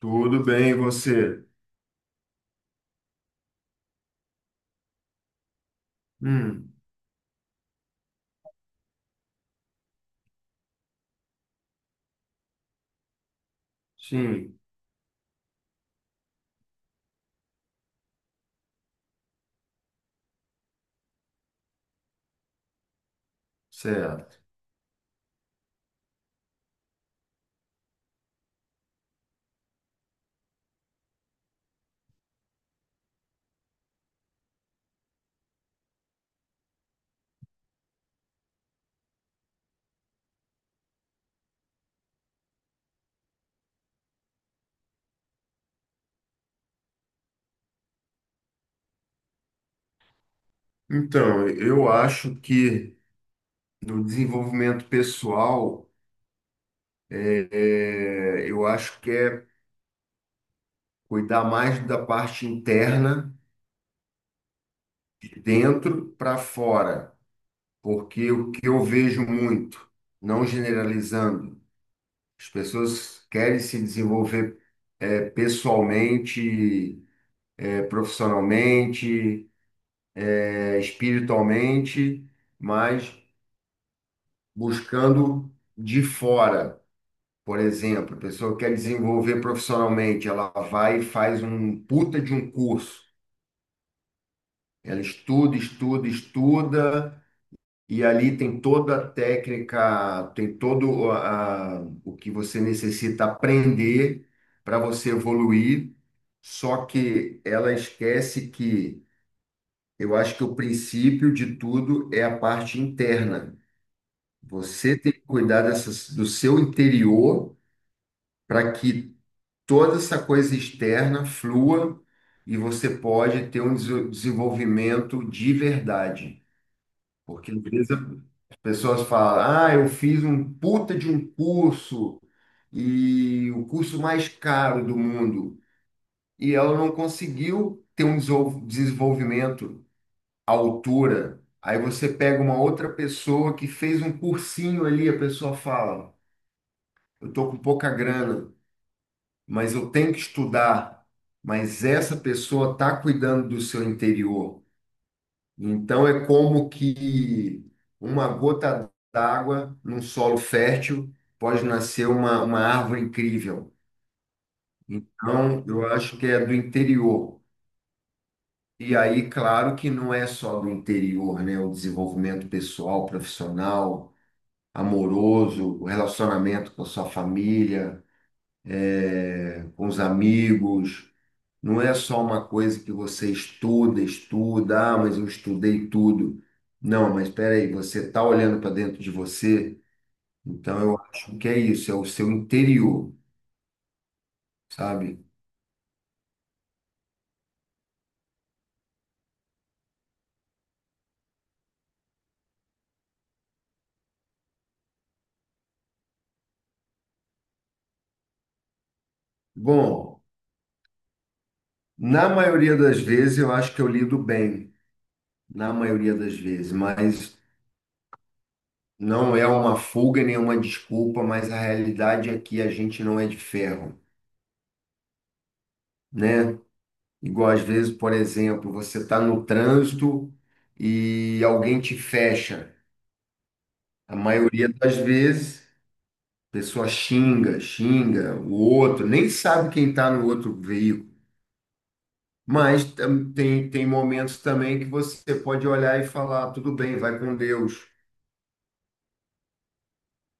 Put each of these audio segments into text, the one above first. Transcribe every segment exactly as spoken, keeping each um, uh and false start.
Tudo bem, e você? Hum, sim, certo. Então, eu acho que no desenvolvimento pessoal, é, é, eu acho que é cuidar mais da parte interna, de dentro para fora, porque o que eu vejo muito, não generalizando, as pessoas querem se desenvolver é, pessoalmente, é, profissionalmente, é, espiritualmente, mas buscando de fora. Por exemplo, a pessoa quer desenvolver profissionalmente, ela vai e faz um puta de um curso. Ela estuda, estuda, estuda, e ali tem toda a técnica, tem todo a- o que você necessita aprender para você evoluir. Só que ela esquece que eu acho que o princípio de tudo é a parte interna. Você tem que cuidar dessas, do seu interior para que toda essa coisa externa flua e você pode ter um des- desenvolvimento de verdade. Porque às vezes as pessoas falam, ah, eu fiz um puta de um curso e o curso mais caro do mundo. E ela não conseguiu ter um desol- desenvolvimento à altura. Aí você pega uma outra pessoa que fez um cursinho ali, a pessoa fala, eu tô com pouca grana, mas eu tenho que estudar. Mas essa pessoa está cuidando do seu interior. Então é como que uma gota d'água num solo fértil pode nascer uma, uma árvore incrível. Então eu acho que é do interior. E aí, claro que não é só do interior, né? O desenvolvimento pessoal, profissional, amoroso, o relacionamento com a sua família, eh, com os amigos. Não é só uma coisa que você estuda, estuda, ah, mas eu estudei tudo. Não, mas espera aí, você está olhando para dentro de você, então eu acho que é isso, é o seu interior, sabe? Bom, na maioria das vezes eu acho que eu lido bem, na maioria das vezes, mas não é uma fuga nem uma desculpa, mas a realidade é que a gente não é de ferro, né? Igual às vezes, por exemplo, você está no trânsito e alguém te fecha. A maioria das vezes, a pessoa xinga, xinga o outro, nem sabe quem está no outro veículo. Mas tam- tem, tem momentos também que você pode olhar e falar, tudo bem, vai com Deus.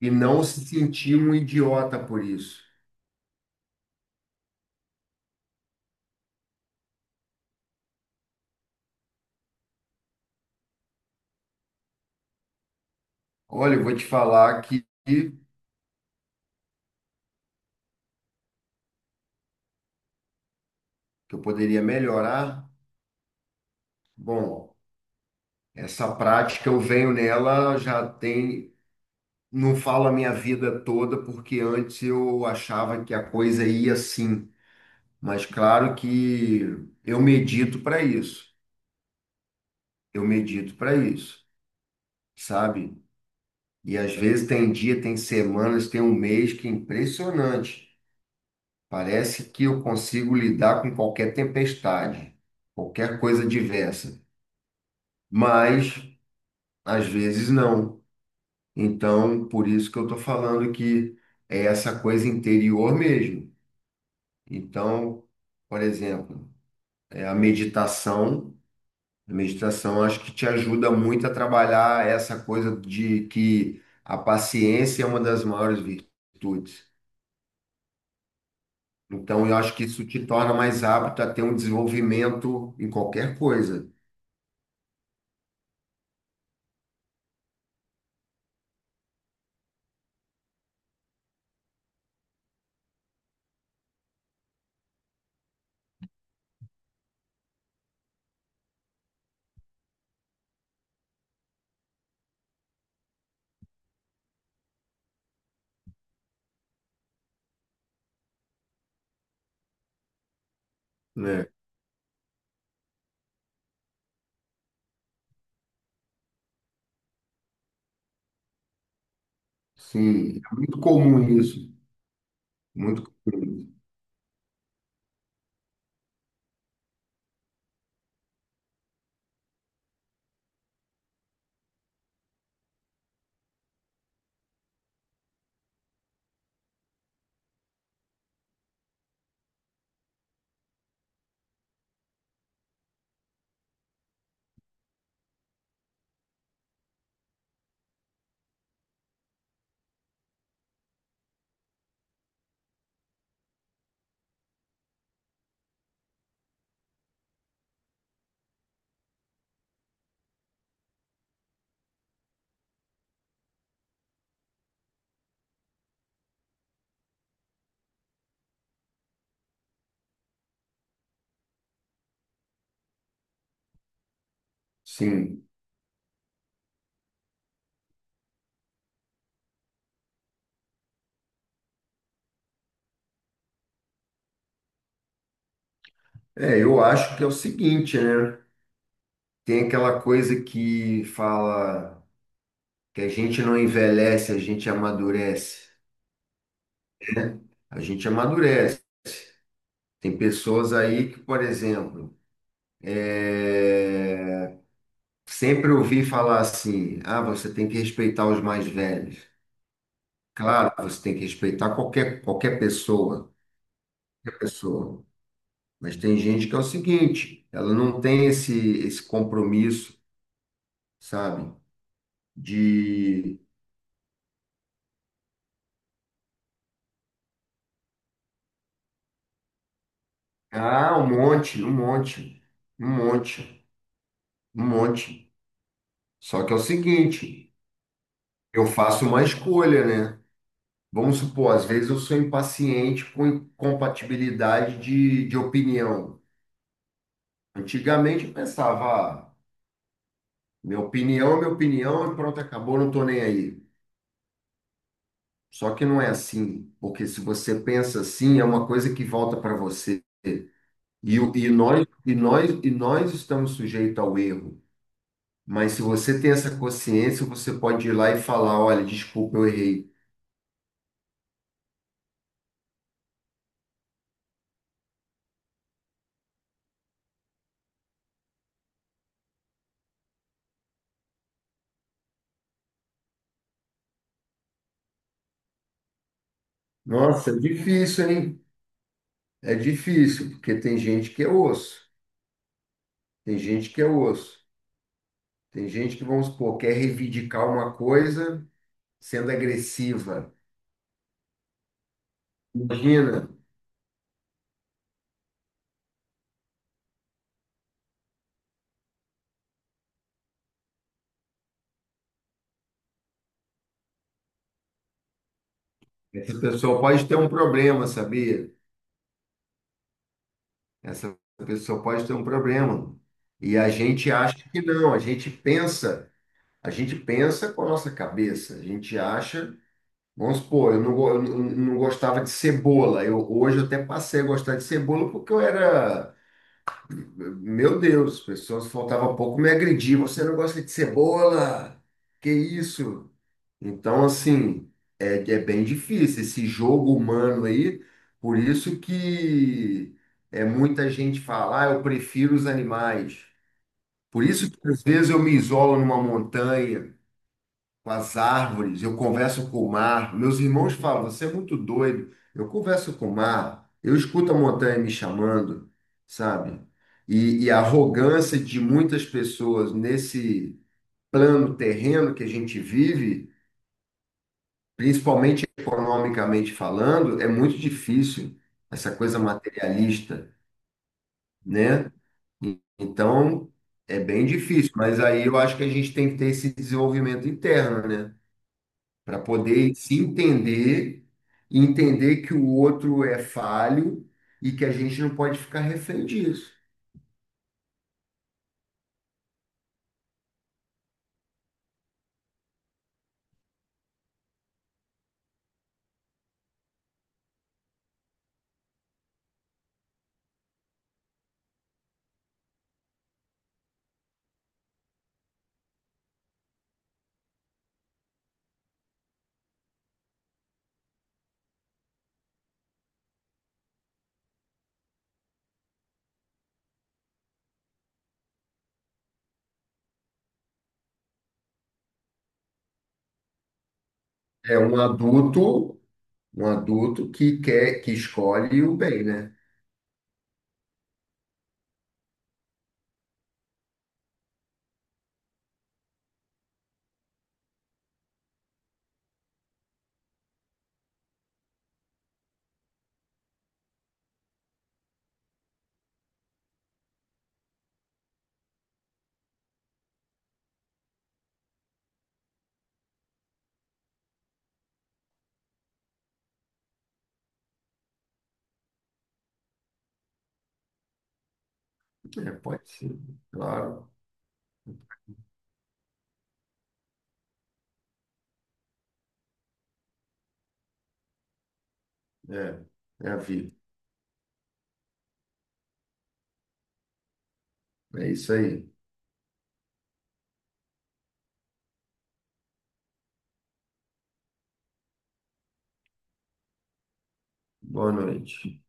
E não se sentir um idiota por isso. Olha, eu vou te falar que, que eu poderia melhorar. Bom, essa prática eu venho nela, já tem, não falo a minha vida toda, porque antes eu achava que a coisa ia assim. Mas claro que eu medito para isso. Eu medito para isso, sabe? E às vezes tem dia, tem semanas, tem um mês que é impressionante. Parece que eu consigo lidar com qualquer tempestade, qualquer coisa diversa. Mas às vezes não. Então, por isso que eu estou falando que é essa coisa interior mesmo. Então, por exemplo, é a meditação. A meditação acho que te ajuda muito a trabalhar essa coisa de que a paciência é uma das maiores virtudes. Então, eu acho que isso te torna mais apto a ter um desenvolvimento em qualquer coisa, né? Sim, é muito comum isso, muito comum. Sim. É, eu acho que é o seguinte, né? Tem aquela coisa que fala que a gente não envelhece, a gente amadurece. A gente amadurece. Tem pessoas aí que, por exemplo, é, sempre ouvi falar assim: ah, você tem que respeitar os mais velhos. Claro, você tem que respeitar qualquer, qualquer pessoa, qualquer pessoa. Mas tem gente que é o seguinte: ela não tem esse, esse compromisso, sabe? De. Ah, um monte, um monte, um monte, um monte. Só que é o seguinte: eu faço uma escolha, né? Vamos supor, às vezes eu sou impaciente com incompatibilidade de, de opinião. Antigamente eu pensava, ah, minha opinião é minha opinião e pronto, acabou, não tô nem aí. Só que não é assim, porque se você pensa assim, é uma coisa que volta para você. E, o- e nós e nós e nós estamos sujeitos ao erro. Mas se você tem essa consciência, você pode ir lá e falar, olha, desculpa, eu errei. Nossa, é difícil, hein? É difícil, porque tem gente que é osso, tem gente que é osso, tem gente que, vamos supor, quer reivindicar uma coisa sendo agressiva. Imagina, essa pessoa pode ter um problema, sabia? Essa pessoa pode ter um problema. E a gente acha que não, a gente pensa, a gente pensa com a nossa cabeça, a gente acha, vamos supor, eu não, go- eu não não gostava de cebola, eu, hoje eu até passei a gostar de cebola porque eu era, Meu Deus, as pessoas faltava pouco me agredir. Você não gosta de cebola? Que isso? Então, assim, é, é bem difícil esse jogo humano aí. Por isso que é muita gente fala, ah, eu prefiro os animais. Por isso que às vezes eu me isolo numa montanha com as árvores, eu converso com o mar. Meus irmãos falam, você é muito doido. Eu converso com o mar, eu escuto a montanha me chamando, sabe? E, e a arrogância de muitas pessoas nesse plano terreno que a gente vive, principalmente economicamente falando, é muito difícil, essa coisa materialista, né? E- Então, é bem difícil, mas aí eu acho que a gente tem que ter esse desenvolvimento interno, né? Para poder se entender, e entender que o outro é falho e que a gente não pode ficar refém disso. É um adulto, um adulto que quer, que escolhe o bem, né? É, pode ser, claro. É, é a vida. É isso aí. Boa noite.